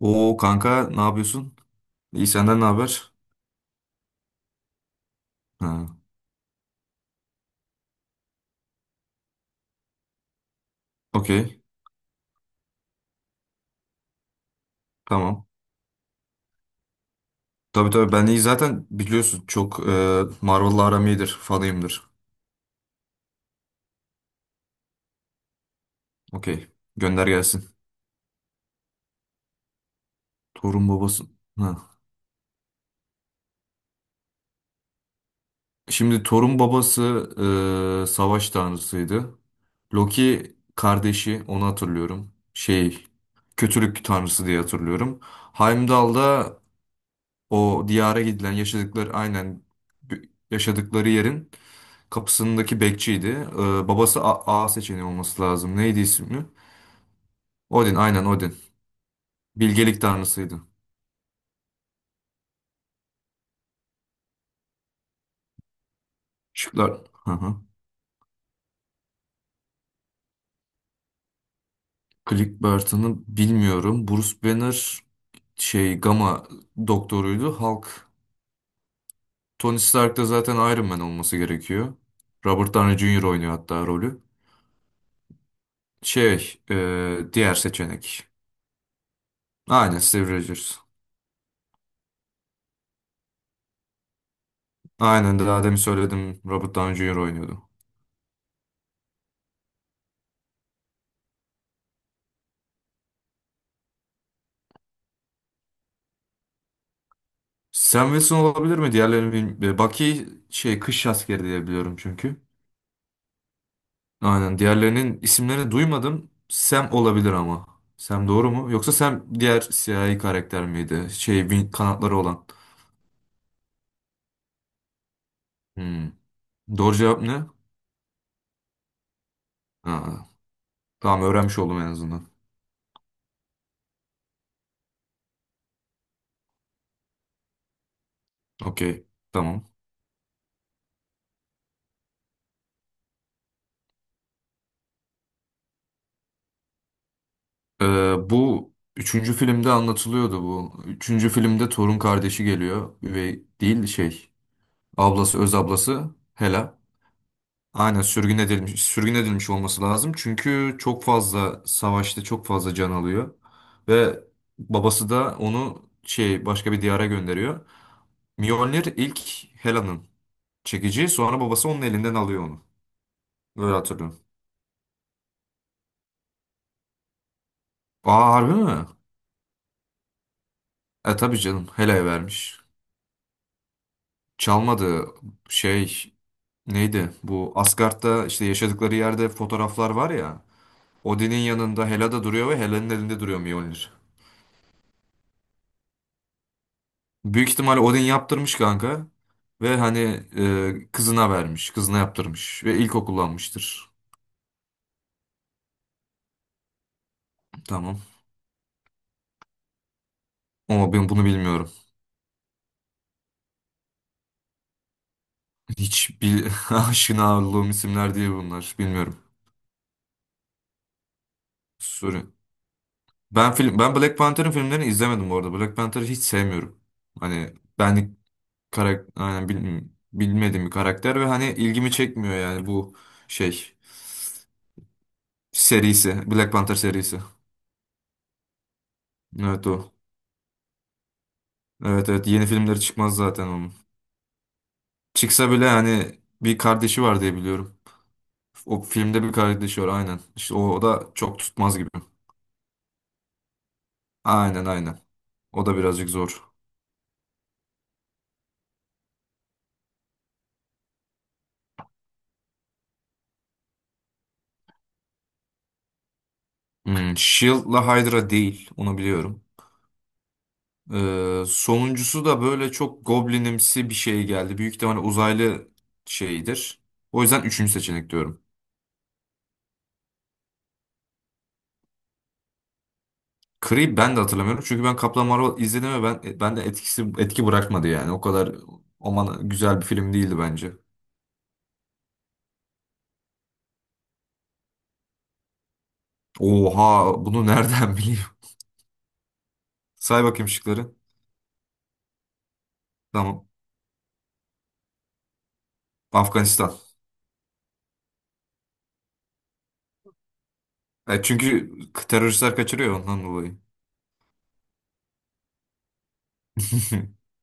Oo kanka ne yapıyorsun? İyi senden ne haber? Ha, okey, tamam. Tabii tabii ben iyi, zaten biliyorsun çok Marvel'la aram iyidir, fanıyımdır. Okey, gönder gelsin. Torun babası. Ha. Şimdi Torun babası savaş tanrısıydı. Loki kardeşi, onu hatırlıyorum. Kötülük tanrısı diye hatırlıyorum. Heimdall da o diyara gidilen, yaşadıkları aynen b- yaşadıkları yerin kapısındaki bekçiydi. Babası A, A seçeneği olması lazım. Neydi ismi? Odin, aynen Odin. Bilgelik tanrısıydı. Şıklar. Hı hı. Click Barton'ı bilmiyorum. Bruce Banner Gamma doktoruydu. Hulk. Tony Stark da zaten Iron Man olması gerekiyor. Robert Downey Jr. oynuyor hatta rolü. Diğer seçenek. Aynen Steve Rogers. Aynen daha demin söyledim. Robert Downey Jr. oynuyordu. Sam Wilson olabilir mi? Diğerlerini bilmiyorum. Bucky kış askeri diye biliyorum çünkü. Aynen, diğerlerinin isimlerini duymadım. Sam olabilir ama. Sam doğru mu? Yoksa Sam diğer siyahi karakter miydi? Kanatları olan. Hmm. Doğru cevap ne? Ha, tamam, öğrenmiş oldum en azından. Okey. Tamam. Ee, bu üçüncü filmde anlatılıyordu bu. Üçüncü filmde torun kardeşi geliyor. Üvey değil şey. Ablası, öz ablası Hela. Aynen sürgün edilmiş, sürgün edilmiş olması lazım. Çünkü çok fazla savaşta çok fazla can alıyor. Ve babası da onu başka bir diyara gönderiyor. Mjolnir ilk Hela'nın çekici, sonra babası onun elinden alıyor onu. Öyle hatırlıyorum. Aa, harbi mi? E tabii canım, Hela'ya vermiş. Çalmadı, şey neydi? Bu Asgard'da işte yaşadıkları yerde fotoğraflar var ya. Odin'in yanında Hela da duruyor ve Hela'nın elinde duruyor Mjolnir. Büyük ihtimal Odin yaptırmış kanka. Ve hani kızına vermiş. Kızına yaptırmış. Ve ilk kullanmıştır. Tamam. Ama ben bunu bilmiyorum. Hiç bil aşina olduğum isimler değil bunlar. Bilmiyorum. Sorry. Ben film, ben Black Panther'ın filmlerini izlemedim bu arada. Black Panther'ı hiç sevmiyorum. Hani benlik karakter, yani bilmediğim bir karakter ve hani ilgimi çekmiyor yani bu şey serisi. Black Panther serisi. Evet, o. Evet evet, yeni filmleri çıkmaz zaten onun. Çıksa bile hani bir kardeşi var diye biliyorum. O filmde bir kardeşi var aynen. İşte o da çok tutmaz gibi. Aynen aynen. O da birazcık zor. Hmm, Shield'la Hydra değil. Onu biliyorum. Sonuncusu da böyle çok goblinimsi bir şey geldi. Büyük ihtimalle uzaylı şeyidir. O yüzden üçüncü seçenek diyorum. Creed ben de hatırlamıyorum. Çünkü ben Kaplan Marvel izledim ve ben de etki bırakmadı yani. O kadar aman güzel bir film değildi bence. Oha, bunu nereden bileyim? Say bakayım şıkları. Tamam. Afganistan. E, çünkü teröristler kaçırıyor ondan dolayı.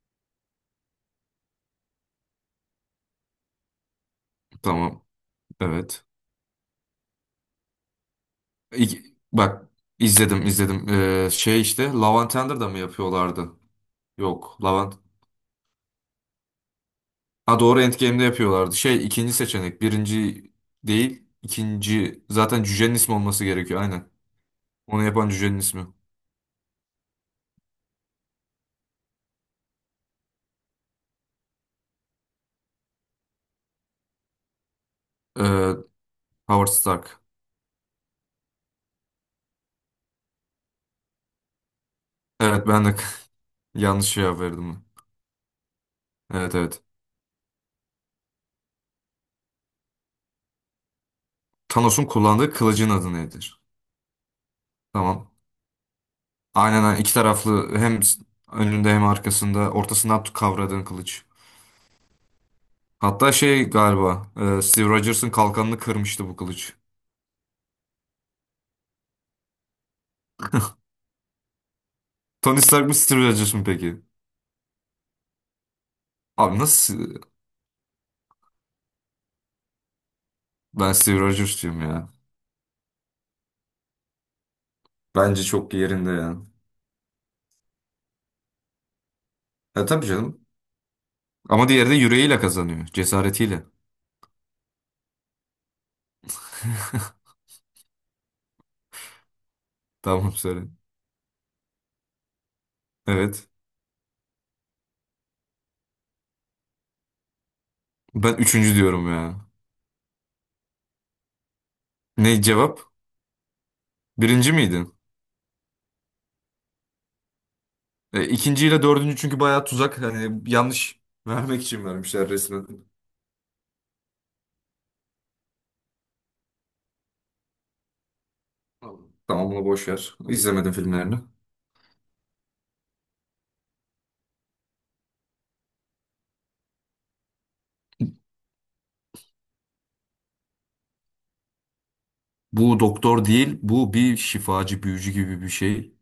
Tamam. Evet. Bak, izledim izledim. İşte Lavantender'da mı yapıyorlardı? Yok. Lavant. Ha doğru, Endgame'de yapıyorlardı. Şey ikinci seçenek. Birinci değil, ikinci. Zaten cücenin ismi olması gerekiyor. Aynen. Onu yapan cücenin ismi. Ee, Howard Stark. Evet ben de yanlış cevap verdim. Evet evet. Thanos'un kullandığı kılıcın adı nedir? Tamam. Aynen aynen, iki taraflı, hem önünde hem arkasında ortasından kavradığın kılıç. Hatta şey galiba Steve Rogers'ın kalkanını kırmıştı bu kılıç. Tony Stark mı Steve Rogers mı peki? Abi nasıl? Ben Steve Rogers'cıyım ya. Bence çok yerinde ya. E tabii canım. Ama diğeri de yüreğiyle kazanıyor. Cesaretiyle. Tamam söyle. Evet. Ben üçüncü diyorum ya. Ne cevap? Birinci miydin? E, ikinciyle dördüncü çünkü bayağı tuzak. Hani yanlış vermek için vermişler resmen. Tamam, onu boş ver. İzlemedim filmlerini. Bu doktor değil, bu bir şifacı, büyücü gibi bir şey.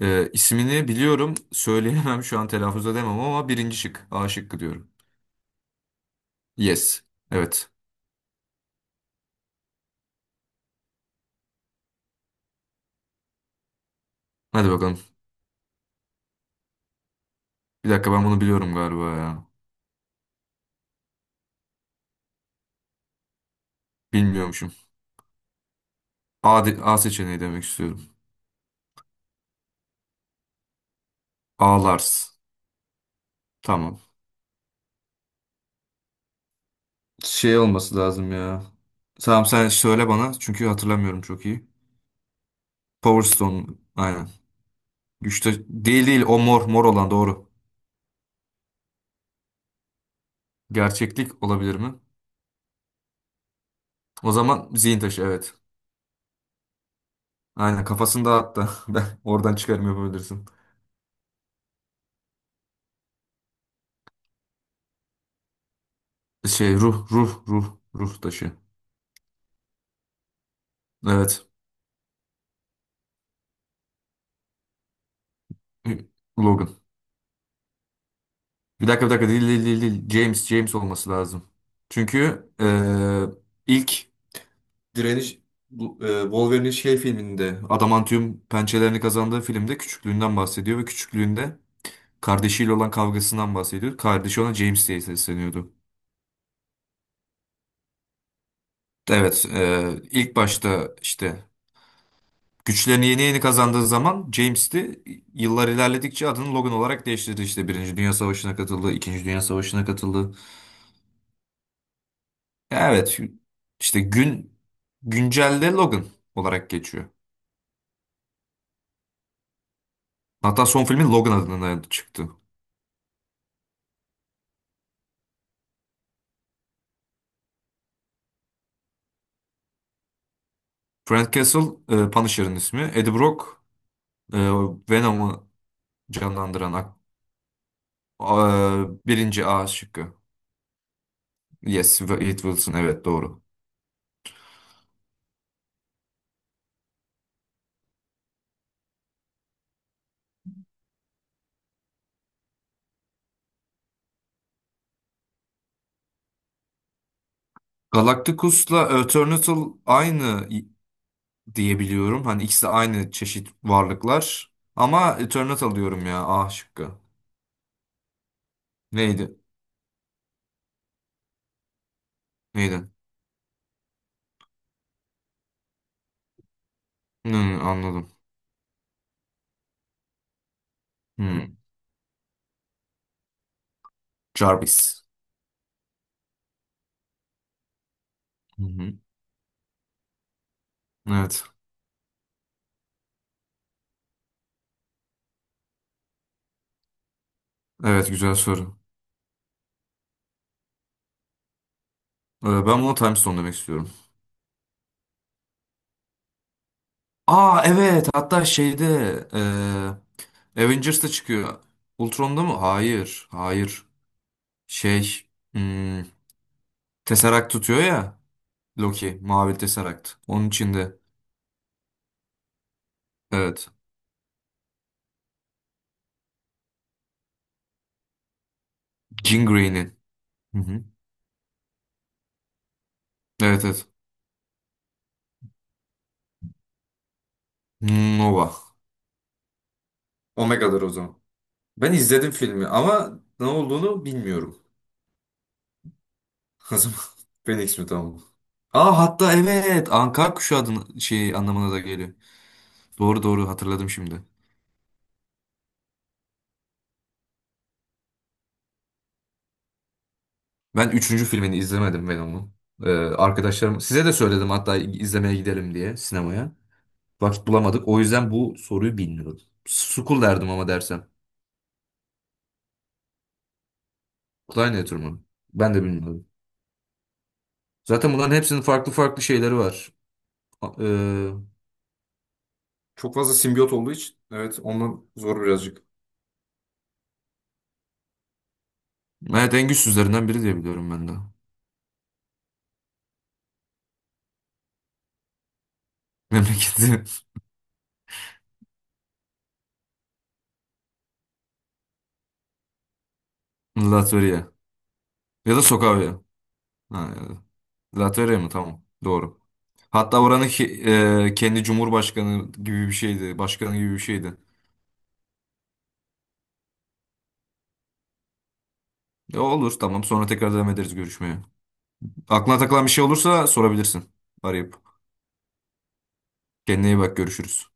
İsmini biliyorum, söyleyemem şu an, telaffuz edemem ama birinci şık, A şıkkı diyorum. Yes, evet. Hadi bakalım. Bir dakika, ben bunu biliyorum galiba ya. Bilmiyormuşum. A seçeneği demek istiyorum. A Lars. Tamam. Şey olması lazım ya. Tamam, sen söyle bana çünkü hatırlamıyorum çok iyi. Power Stone, aynen. Güçte değil, o mor mor olan doğru. Gerçeklik olabilir mi? O zaman zihin taşı, evet. Aynen, kafasında hatta ben oradan çıkarım yapabilirsin. Şey ruh ruh ruh ruh taşı. Evet. Logan. Bir dakika bir dakika, değil. James, James olması lazım. Çünkü ilk direniş Wolverine'in şey filminde adamantium pençelerini kazandığı filmde küçüklüğünden bahsediyor ve küçüklüğünde kardeşiyle olan kavgasından bahsediyor. Kardeşi ona James diye sesleniyordu. Evet, ilk başta işte güçlerini yeni yeni kazandığı zaman James, de yıllar ilerledikçe adını Logan olarak değiştirdi. İşte Birinci Dünya Savaşı'na katıldı, İkinci Dünya Savaşı'na katıldı. Evet, işte güncelde Logan olarak geçiyor. Hatta son filmi Logan adına çıktı. Frank Castle, Punisher'ın ismi. Eddie Brock, e, Venom'u canlandıran birinci A şıkkı. Yes, Wade Wilson, evet doğru. Galacticus'la Eternatus aynı diyebiliyorum. Hani ikisi de aynı çeşit varlıklar. Ama Eternatus alıyorum ya. A şıkkı. Neydi? Neydi? Hmm, anladım. Hmm. Jarvis. Hı hı. Evet. Evet, güzel soru. Ben buna Time Stone demek istiyorum. Aa evet, hatta Avengers'ta çıkıyor. Ultron'da mı? Hayır. Hayır. Şey hmm, Tesseract tutuyor ya Loki. Mavi Tesseract. Onun içinde. Evet. Jean. Hı hı. Evet evet. Nova. Omega'dır o zaman. Ben izledim filmi ama ne olduğunu bilmiyorum. O zaman Phoenix mi, tamam mı? Aa hatta evet, Anka kuşu adını şey anlamına da geliyor. Doğru doğru, hatırladım şimdi. Ben üçüncü filmini izlemedim Venom'un. Arkadaşlarım size de söyledim hatta, izlemeye gidelim diye sinemaya. Vakit bulamadık. O yüzden bu soruyu bilmiyordum. Sukul derdim ama dersem. Kleinheiter mı? Ben de bilmiyordum. Zaten bunların hepsinin farklı farklı şeyleri var. A- e, Çok fazla simbiyot olduğu için evet ondan zor birazcık. Evet, en güçsüzlerinden biri diye biliyorum ben de. Memleketi Latvia. Ya da Sokavya. Ha, ya da- Latvia mı? Tamam. Doğru. Hatta oranın kendi cumhurbaşkanı gibi bir şeydi. Başkanı gibi bir şeydi. Ya olur tamam, sonra tekrar devam ederiz görüşmeye. Aklına takılan bir şey olursa sorabilirsin. Arayıp. Kendine iyi bak, görüşürüz.